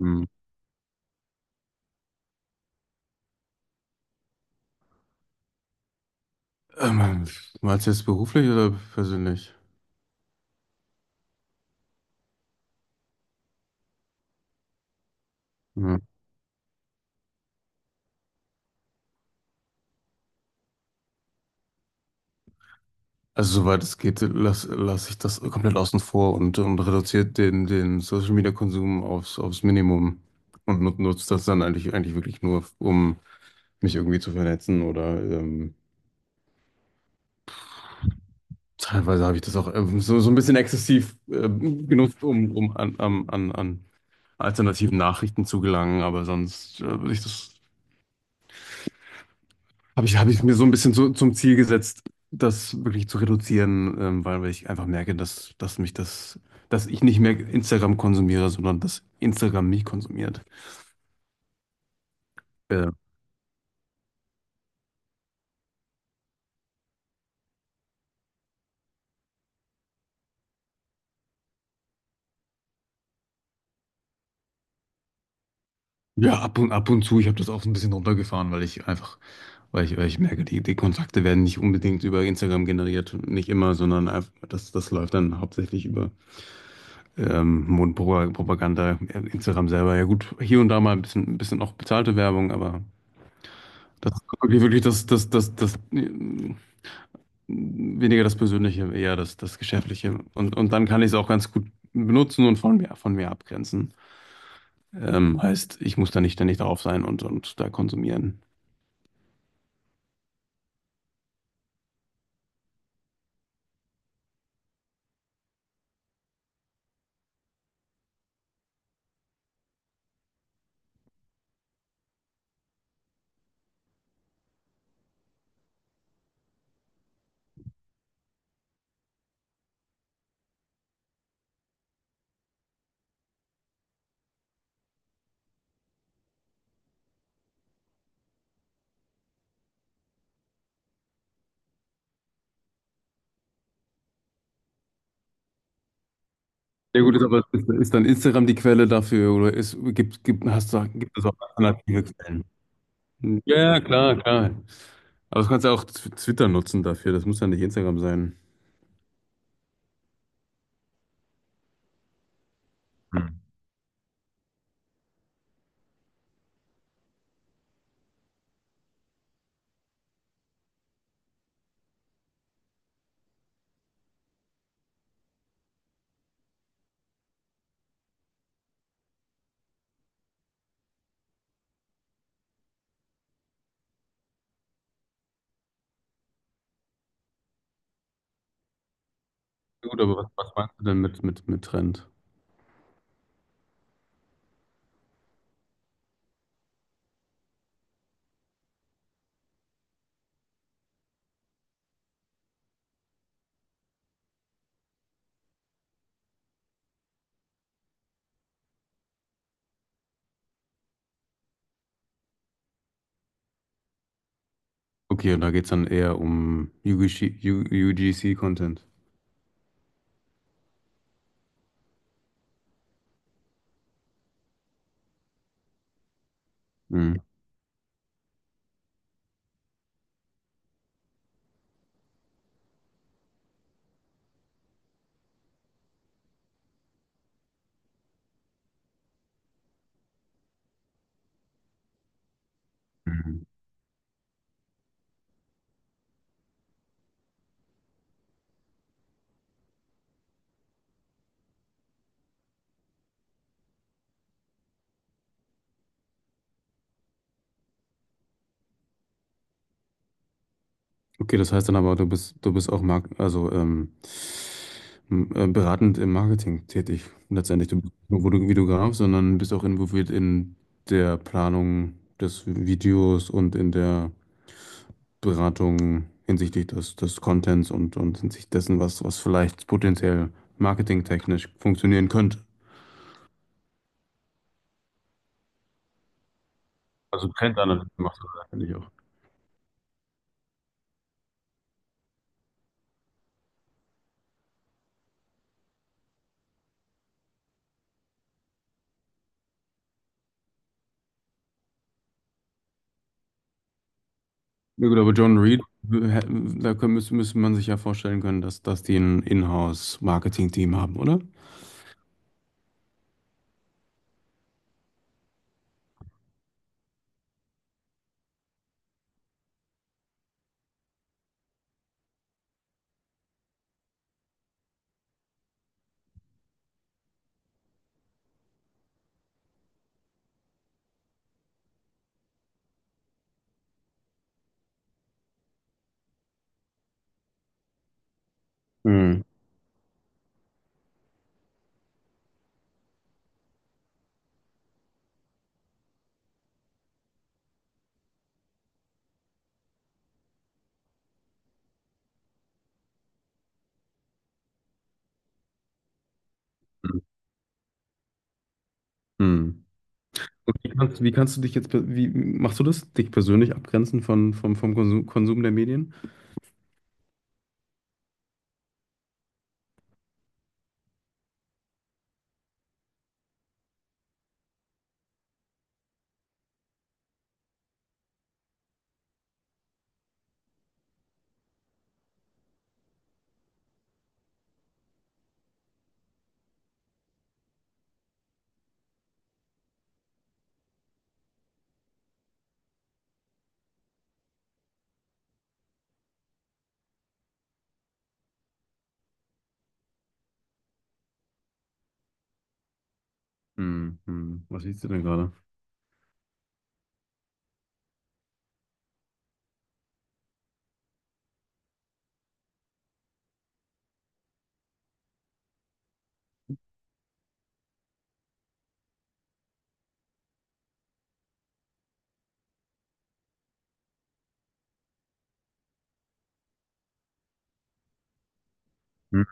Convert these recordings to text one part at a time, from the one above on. Hm. Ähm, Meinst du jetzt beruflich oder persönlich? Ja. Also soweit es geht, lass ich das komplett außen vor, und reduziert den Social Media Konsum aufs Minimum und nutzt das dann eigentlich wirklich nur, um mich irgendwie zu vernetzen oder teilweise habe ich das auch so, so ein bisschen exzessiv genutzt, um an alternativen Nachrichten zu gelangen, aber sonst würde ich das habe ich mir so ein bisschen so zum Ziel gesetzt, das wirklich zu reduzieren, weil, weil ich einfach merke, dass mich das, dass ich nicht mehr Instagram konsumiere, sondern dass Instagram mich konsumiert. Äh, ja, ab und zu, ich habe das auch so ein bisschen runtergefahren, weil ich einfach, weil ich merke, die Kontakte werden nicht unbedingt über Instagram generiert, nicht immer, sondern einfach, das läuft dann hauptsächlich über Mundpropaganda, Instagram selber. Ja gut, hier und da mal ein bisschen auch bezahlte Werbung, aber das ist wirklich das weniger das Persönliche, eher das Geschäftliche. Und dann kann ich es auch ganz gut benutzen und von mir abgrenzen. Heißt, ich muss da nicht ständig drauf sein und da konsumieren. Ja gut, ist aber ist dann Instagram die Quelle dafür oder ist, gibt, gibt, hast du, gibt es auch alternative Quellen? Ja, ja, klar, klar. Aber das kannst du ja auch Twitter nutzen dafür, das muss ja nicht Instagram sein. Gut, aber was meinst du denn mit Trend? Okay, und da geht es dann eher um UGC Content. Mhm. Mhm. Okay, das heißt dann aber, du bist auch beratend im Marketing tätig. Letztendlich, du bist nicht nur Videograf, sondern bist auch involviert in der Planung des Videos und in der Beratung hinsichtlich des Contents und hinsichtlich dessen, was vielleicht potenziell marketingtechnisch funktionieren könnte. Also Trendanalyse machst du da, finde ich. Ja gut, aber John Reed, da müsste man sich ja vorstellen können, dass die ein Inhouse-Marketing-Team haben, oder? Hm. Hm. Und wie kannst du dich jetzt, wie machst du das? Dich persönlich abgrenzen von, vom Konsum der Medien? Hm, hm. Was siehst du denn gerade? Hm.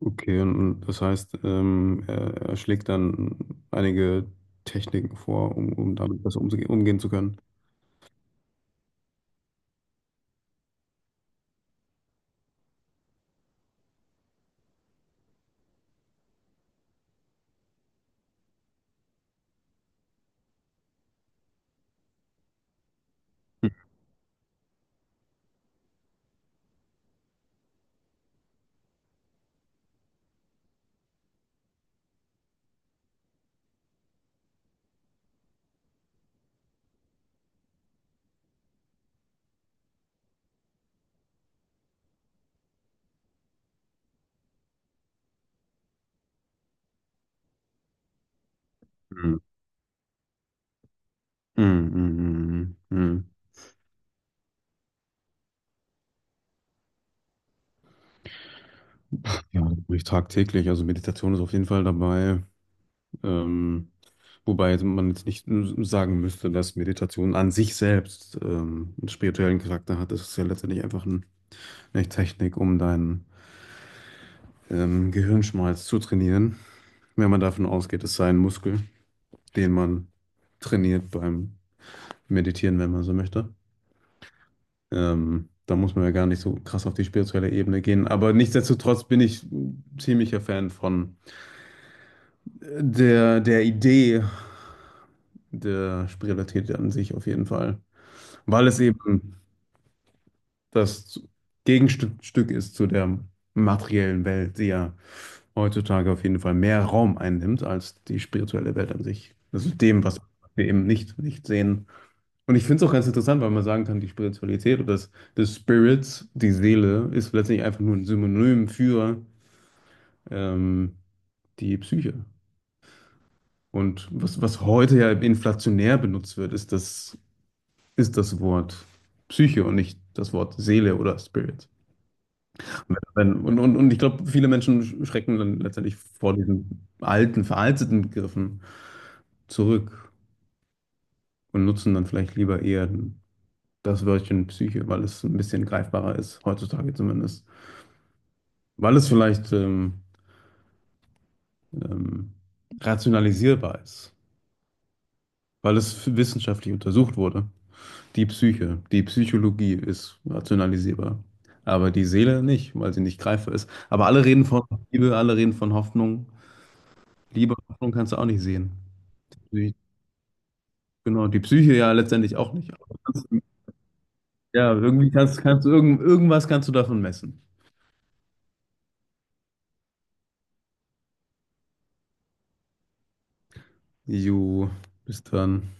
Okay, und das heißt, er schlägt dann einige Techniken vor, um damit besser umgehen zu können. Hm. Hm, hm, hm, hm, hm. Ja, das mache ich tagtäglich. Also Meditation ist auf jeden Fall dabei. Ähm, wobei man jetzt nicht sagen müsste, dass Meditation an sich selbst einen spirituellen Charakter hat. Das ist ja letztendlich einfach eine Technik, um deinen Gehirnschmalz zu trainieren. Wenn man davon ausgeht, es sei ein Muskel, den man trainiert beim Meditieren, wenn man so möchte. Da muss man ja gar nicht so krass auf die spirituelle Ebene gehen. Aber nichtsdestotrotz bin ich ziemlicher Fan von der Idee der Spiritualität an sich auf jeden Fall. Weil es eben das Gegenstück ist zu der materiellen Welt, die ja heutzutage auf jeden Fall mehr Raum einnimmt als die spirituelle Welt an sich. Das ist dem, was wir eben nicht sehen. Und ich finde es auch ganz interessant, weil man sagen kann, die Spiritualität oder das Spirit, die Seele, ist letztendlich einfach nur ein Synonym für ähm, die Psyche. Und was heute ja inflationär benutzt wird, ist ist das Wort Psyche und nicht das Wort Seele oder Spirit. Und ich glaube, viele Menschen schrecken dann letztendlich vor diesen alten, veralteten Begriffen zurück und nutzen dann vielleicht lieber eher das Wörtchen Psyche, weil es ein bisschen greifbarer ist, heutzutage zumindest. Weil es vielleicht ähm, rationalisierbar ist, weil es wissenschaftlich untersucht wurde. Die Psyche, die Psychologie ist rationalisierbar, aber die Seele nicht, weil sie nicht greifbar ist. Aber alle reden von Liebe, alle reden von Hoffnung. Liebe, Hoffnung kannst du auch nicht sehen. Genau, die Psyche ja letztendlich auch nicht. Aber kannst, ja, irgendwie kannst, irgendwas kannst du davon messen. Jo, bis dann.